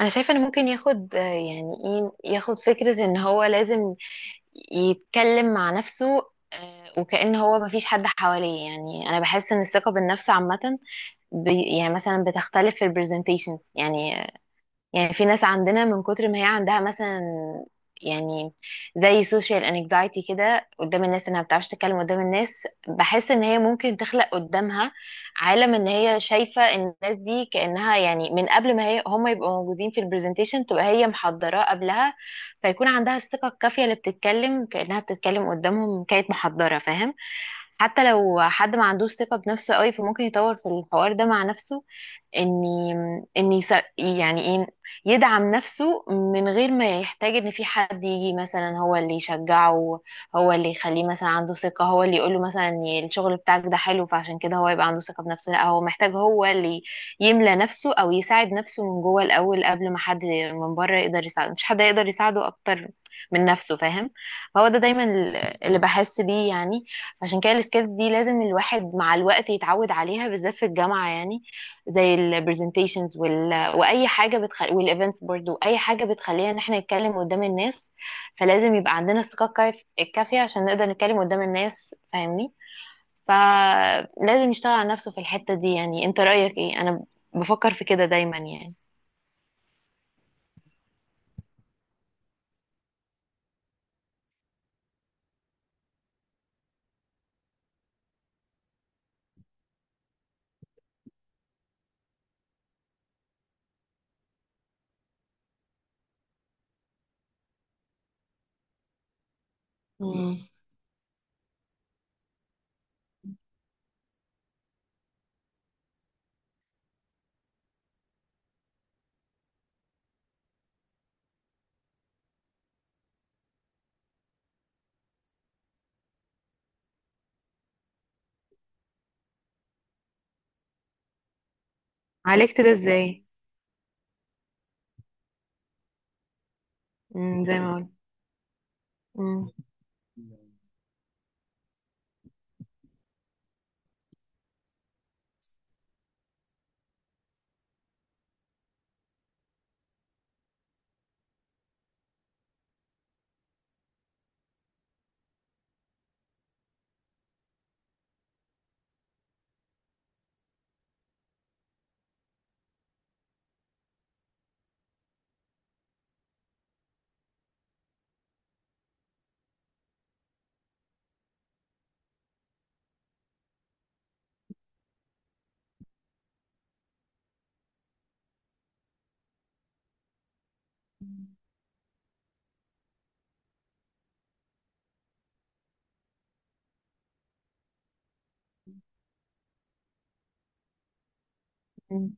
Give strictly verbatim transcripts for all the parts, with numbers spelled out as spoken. انا شايفه ان ممكن ياخد آه، يعني ايه، ياخد فكره ان هو لازم يتكلم مع نفسه. آه، وكأن هو مفيش حد حواليه، يعني انا بحس ان الثقه بالنفس عامه، بي- يعني مثلا بتختلف في البرزنتيشنز، يعني يعني في ناس عندنا من كتر ما هي عندها مثلا، يعني زي social anxiety كده قدام الناس، انها بتعرفش تتكلم قدام الناس، بحس ان هي ممكن تخلق قدامها عالم ان هي شايفة الناس دي كأنها، يعني من قبل ما هي هم يبقوا موجودين في البرزنتيشن، تبقى هي محضراه قبلها، فيكون عندها الثقة الكافية اللي بتتكلم كأنها بتتكلم قدامهم كانت محضرة، فاهم. حتى لو حد ما عندوش ثقة بنفسه قوي، فممكن يطور في الحوار ده مع نفسه، ان ان يس- يعني ايه يدعم نفسه من غير ما يحتاج ان في حد يجي مثلا هو اللي يشجعه، هو اللي يخليه مثلا عنده ثقة، هو اللي يقوله مثلا إن الشغل بتاعك ده حلو، فعشان كده هو يبقى عنده ثقة بنفسه. لا، هو محتاج هو اللي يملى نفسه او يساعد نفسه من جوه الاول قبل ما حد من بره يقدر يساعده. مش حد يقدر يساعده اكتر من نفسه، فاهم. فهو ده دايما اللي بحس بيه، يعني عشان كده السكيلز دي لازم الواحد مع الوقت يتعود عليها بالذات في الجامعة، يعني زي البرزنتيشنز وال... واي حاجه بتخلي والايفنتس برضو، اي حاجه بتخلينا ان احنا نتكلم قدام الناس، فلازم يبقى عندنا الثقه الكاف- الكافيه عشان نقدر نتكلم قدام الناس، فاهمني. فلازم يشتغل على نفسه في الحته دي، يعني. انت رايك ايه؟ انا بفكر في كده دايما، يعني. مم. عالجت ده ازاي؟ مم، زي ما قلت. مم.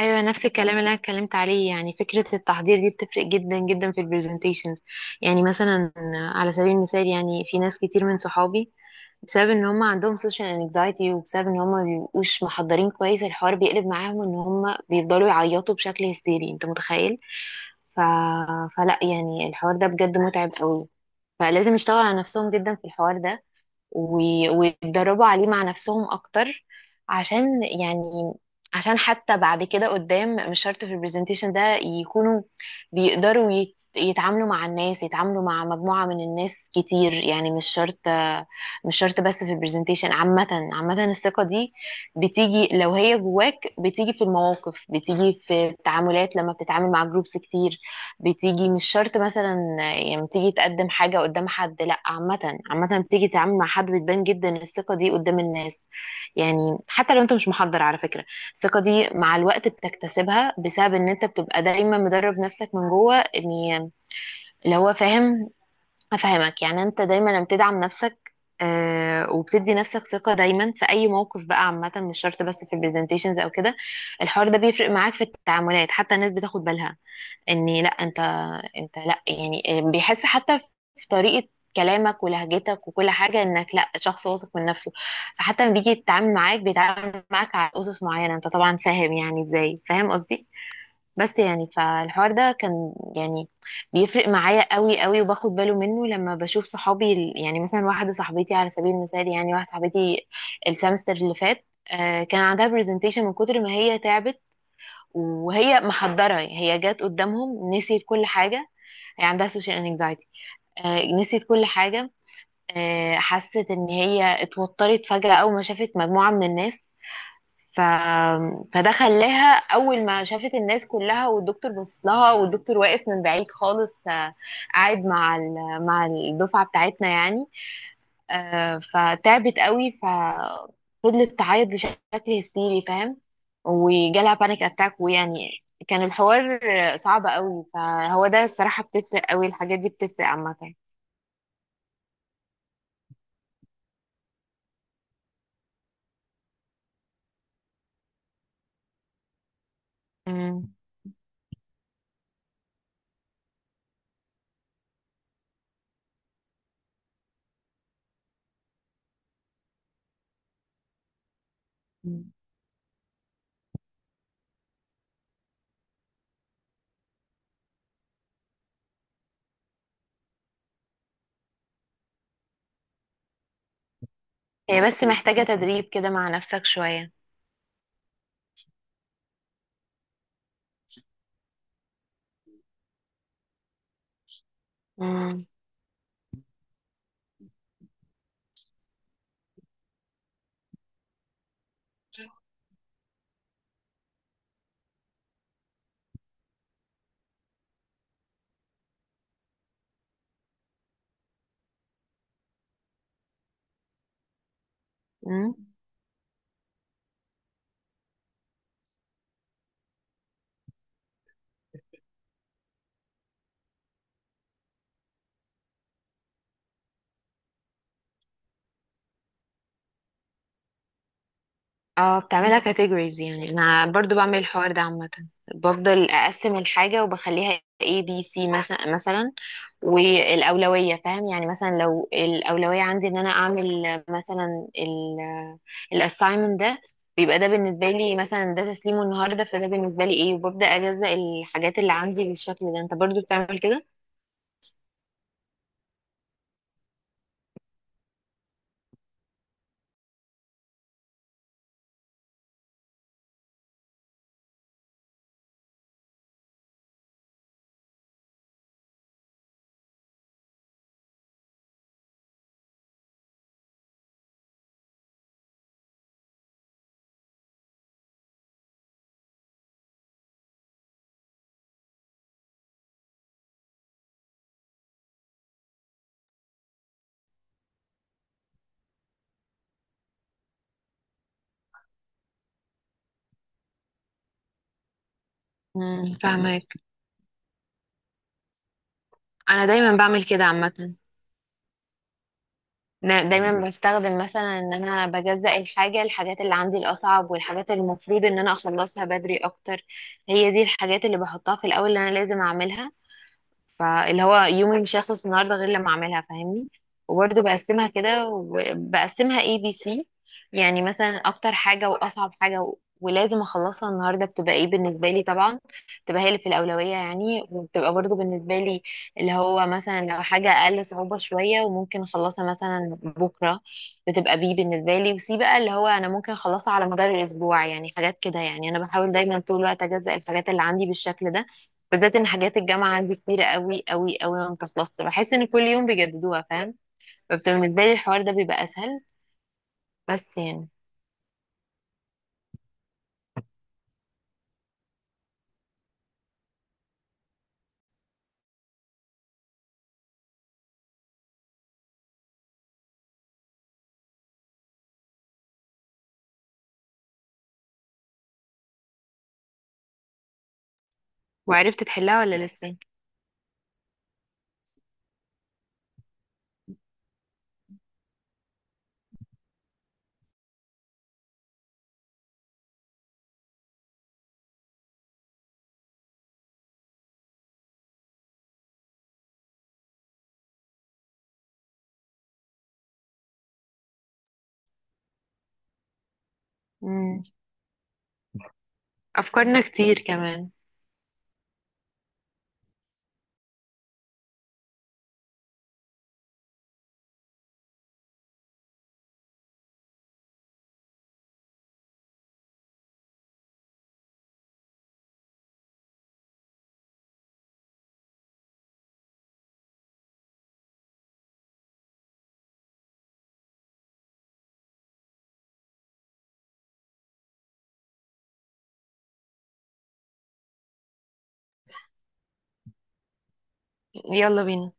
ايوه، نفس الكلام اللي انا اتكلمت عليه، يعني فكره التحضير دي بتفرق جدا جدا في البرزنتيشنز. يعني مثلا على سبيل المثال، يعني في ناس كتير من صحابي بسبب ان هم عندهم سوشيال انكزايتي، وبسبب ان هم ما بيبقوش محضرين كويس، الحوار بيقلب معاهم ان هم بيفضلوا يعيطوا بشكل هستيري، انت متخيل. ف... فلا، يعني الحوار ده بجد متعب قوي، فلازم يشتغل على نفسهم جدا في الحوار ده و- ويتدربوا عليه مع نفسهم اكتر، عشان يعني عشان حتى بعد كده قدام، مش شرط في البرزنتيشن ده يكونوا بيقدروا يت- يتعاملوا مع الناس، يتعاملوا مع مجموعة من الناس كتير، يعني مش شرط، مش شرط بس في البرزنتيشن. عامة عامة الثقة دي بتيجي لو هي جواك، بتيجي في المواقف، بتيجي في التعاملات لما بتتعامل مع جروبس كتير، بتيجي مش شرط مثلا. يعني بتيجي تقدم حاجة قدام حد، لا عامة عامة بتيجي تتعامل مع حد بتبان جدا الثقة دي قدام الناس. يعني حتى لو انت مش محضر على فكرة، الثقة دي مع الوقت بتكتسبها بسبب ان انت بتبقى دايما مدرب نفسك من جوه، ان اللي هو فاهم افهمك. يعني انت دايما لما بتدعم نفسك آه، وبتدي نفسك ثقة دايما في أي موقف بقى، عامة مش شرط بس في البرزنتيشنز أو كده، الحوار ده بيفرق معاك في التعاملات، حتى الناس بتاخد بالها ان لا، انت انت لا، يعني آه، بيحس حتى في طريقة كلامك ولهجتك وكل حاجة انك لا، شخص واثق من نفسه. فحتى لما بيجي يتعامل معاك بيتعامل معاك على اسس معينة، انت طبعا فاهم يعني ازاي، فاهم قصدي. بس يعني فالحوار ده كان، يعني بيفرق معايا قوي قوي، وباخد باله منه لما بشوف صحابي ال- يعني مثلا واحدة صاحبتي على سبيل المثال، يعني واحدة صاحبتي السمستر اللي فات آه، كان عندها برزنتيشن، من كتر ما هي تعبت وهي محضرة، هي جات قدامهم نسيت كل حاجة. هي عندها سوشيال انكزايتي، نسيت كل حاجة. آه، حست ان هي اتوترت فجأة اول ما شافت مجموعة من الناس. ف... فده خلاها، اول ما شافت الناس كلها والدكتور بص لها، والدكتور واقف من بعيد خالص آه، قاعد مع ال... مع الدفعة بتاعتنا، يعني آه، فتعبت قوي، ففضلت تعيط بشكل هستيري فاهم، وجالها بانيك اتاك، ويعني كان الحوار صعب قوي. فهو ده الصراحة، بتفرق قوي الحاجات دي، بتفرق عامة. مم. مم. هي بس محتاجة تدريب كده مع نفسك شوية. مم. مم. اه، بتعملها كاتيجوريز، يعني انا برضو بعمل الحوار ده عامة، بفضل اقسم الحاجة وبخليها اي بي سي مش- مثلا، والأولوية فاهم، يعني مثلا لو الأولوية عندي ان انا اعمل مثلا ال الاساينمنت ده، بيبقى ده بالنسبة لي مثلا ده تسليمه النهاردة، فده بالنسبة لي ايه، وببدأ اجزأ الحاجات اللي عندي بالشكل ده. انت برضو بتعمل كده؟ امم انا دايما بعمل كده عامه. أنا دايما مم. بستخدم مثلا ان انا بجزأ الحاجه الحاجات اللي عندي الاصعب، والحاجات اللي المفروض ان انا اخلصها بدري اكتر، هي دي الحاجات اللي بحطها في الاول، اللي انا لازم اعملها. فاللي هو يومي مش هيخلص النهارده غير لما اعملها، فاهمني. وبرده بقسمها كده، وبقسمها اي بي سي. يعني مثلا اكتر حاجه واصعب حاجه و- ولازم اخلصها النهارده، بتبقى ايه بالنسبه لي طبعا، بتبقى هي اللي في الاولويه، يعني. وبتبقى برضو بالنسبه لي اللي هو مثلا لو حاجه اقل صعوبه شويه وممكن اخلصها مثلا بكره، بتبقى بي بالنسبه لي. وسي بقى اللي هو انا ممكن اخلصها على مدار الاسبوع، يعني حاجات كده. يعني انا بحاول دايما طول الوقت اجزأ الحاجات اللي عندي بالشكل ده، بالذات ان حاجات الجامعه عندي كتيره قوي قوي قوي، ما بتخلصش، بحس ان كل يوم بيجددوها فاهم. فبتبقى بالنسبه لي الحوار ده بيبقى اسهل، بس يعني. وعرفت تحلها ولا لسه؟ امم. افكارنا كتير كمان. يلا بينا.